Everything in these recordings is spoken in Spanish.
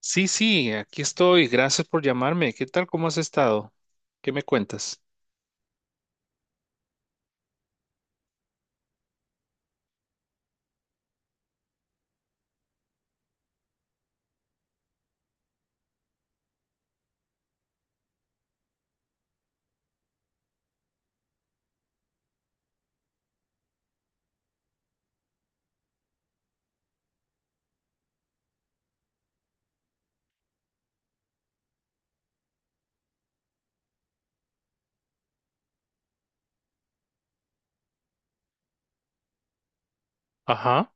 Sí, sí, aquí estoy. Gracias por llamarme. ¿Qué tal? ¿Cómo has estado? ¿Qué me cuentas? Ajá.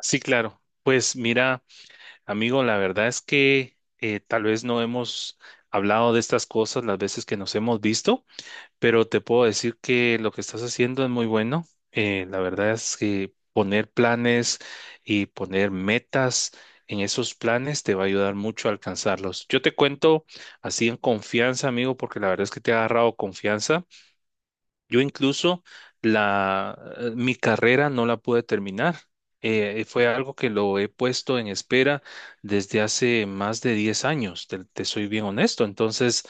Sí, claro. Pues mira, amigo, la verdad es que tal vez no hemos hablado de estas cosas las veces que nos hemos visto, pero te puedo decir que lo que estás haciendo es muy bueno. La verdad es que poner planes y poner metas en esos planes te va a ayudar mucho a alcanzarlos. Yo te cuento así en confianza, amigo, porque la verdad es que te ha agarrado confianza. Yo incluso mi carrera no la pude terminar. Fue algo que lo he puesto en espera desde hace más de 10 años, te soy bien honesto. Entonces,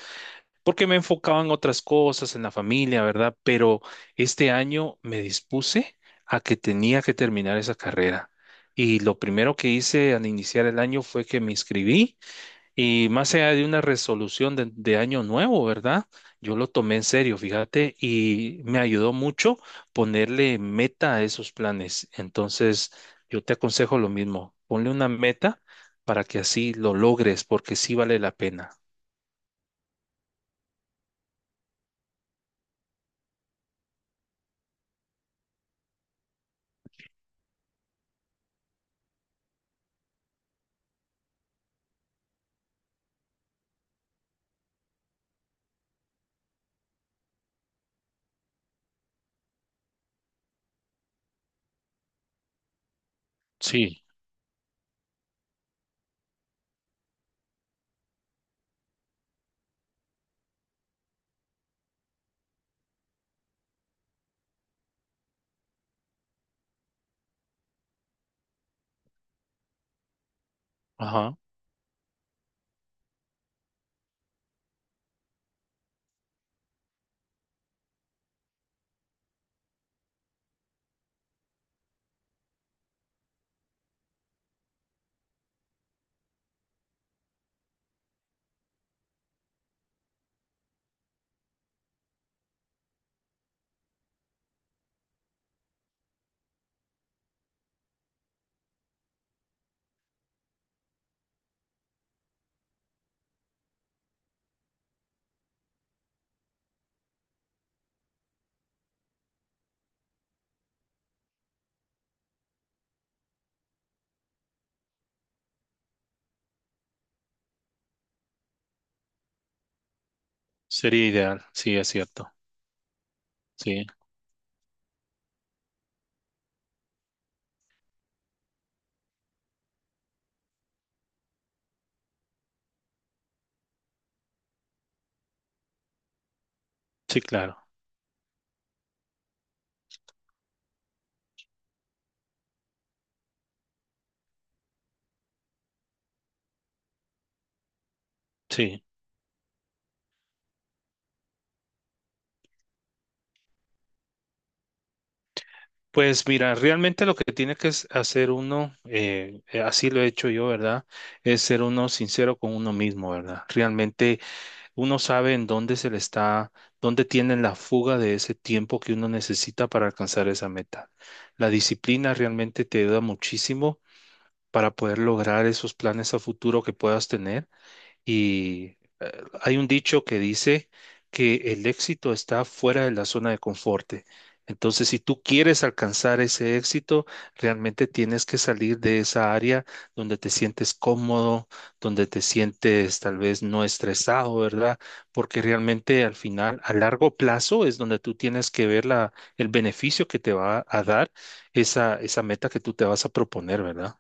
porque me enfocaba en otras cosas, en la familia, ¿verdad? Pero este año me dispuse a que tenía que terminar esa carrera. Y lo primero que hice al iniciar el año fue que me inscribí y más allá de una resolución de año nuevo, ¿verdad? Yo lo tomé en serio, fíjate, y me ayudó mucho ponerle meta a esos planes. Entonces, yo te aconsejo lo mismo, ponle una meta para que así lo logres, porque sí vale la pena. Sí, ajá, sería ideal, sí, es cierto, sí, sí, claro, sí. Pues mira, realmente lo que tiene que es hacer uno, así lo he hecho yo, ¿verdad? Es ser uno sincero con uno mismo, ¿verdad? Realmente uno sabe en dónde se le está, dónde tienen la fuga de ese tiempo que uno necesita para alcanzar esa meta. La disciplina realmente te ayuda muchísimo para poder lograr esos planes a futuro que puedas tener y hay un dicho que dice que el éxito está fuera de la zona de confort. Entonces, si tú quieres alcanzar ese éxito, realmente tienes que salir de esa área donde te sientes cómodo, donde te sientes tal vez no estresado, ¿verdad? Porque realmente al final, a largo plazo, es donde tú tienes que ver la, el beneficio que te va a dar esa, esa meta que tú te vas a proponer, ¿verdad?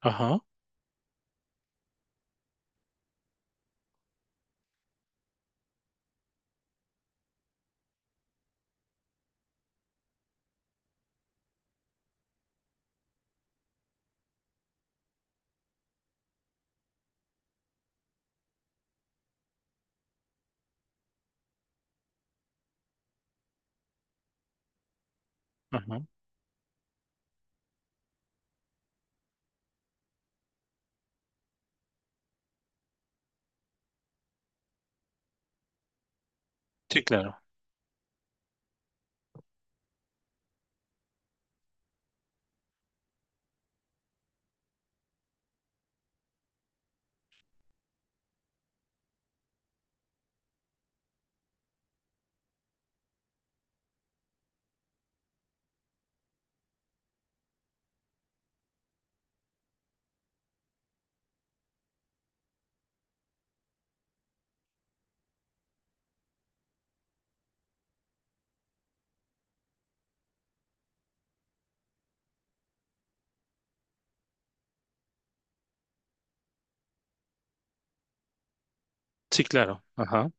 Ajá, ajá. Sí, claro. Sí, claro. Ajá,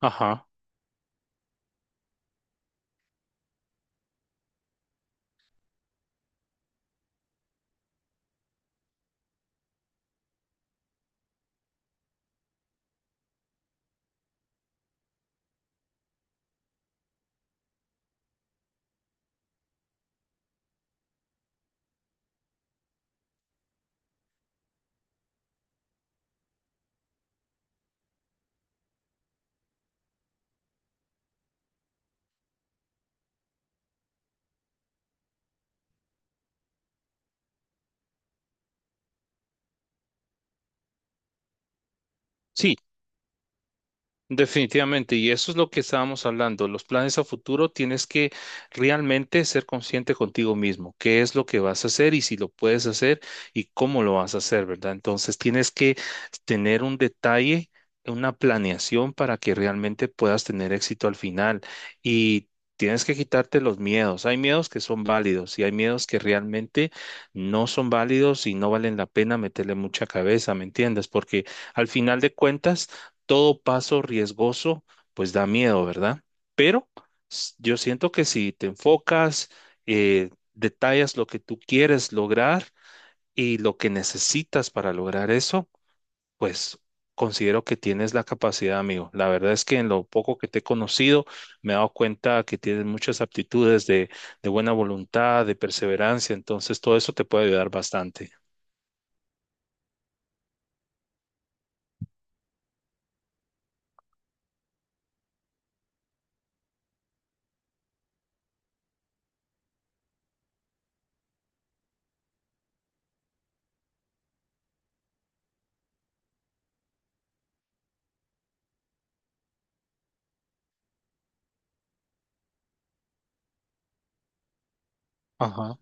ajá. Sí, definitivamente. Y eso es lo que estábamos hablando. Los planes a futuro tienes que realmente ser consciente contigo mismo. ¿Qué es lo que vas a hacer y si lo puedes hacer y cómo lo vas a hacer, verdad? Entonces tienes que tener un detalle, una planeación para que realmente puedas tener éxito al final. Y tienes que quitarte los miedos. Hay miedos que son válidos y hay miedos que realmente no son válidos y no valen la pena meterle mucha cabeza, ¿me entiendes? Porque al final de cuentas todo paso riesgoso, pues da miedo, ¿verdad? Pero yo siento que si te enfocas, detallas lo que tú quieres lograr y lo que necesitas para lograr eso, pues considero que tienes la capacidad, amigo. La verdad es que en lo poco que te he conocido, me he dado cuenta que tienes muchas aptitudes de buena voluntad, de perseverancia, entonces todo eso te puede ayudar bastante. Ajá.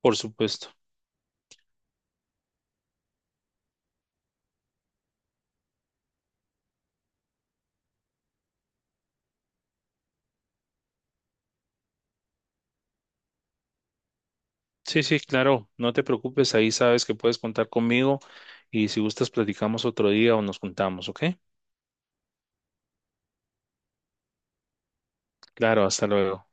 Por supuesto. Sí, sí, claro, no te preocupes, ahí sabes que puedes contar conmigo y si gustas platicamos otro día o nos juntamos, ¿ok? Claro, hasta luego.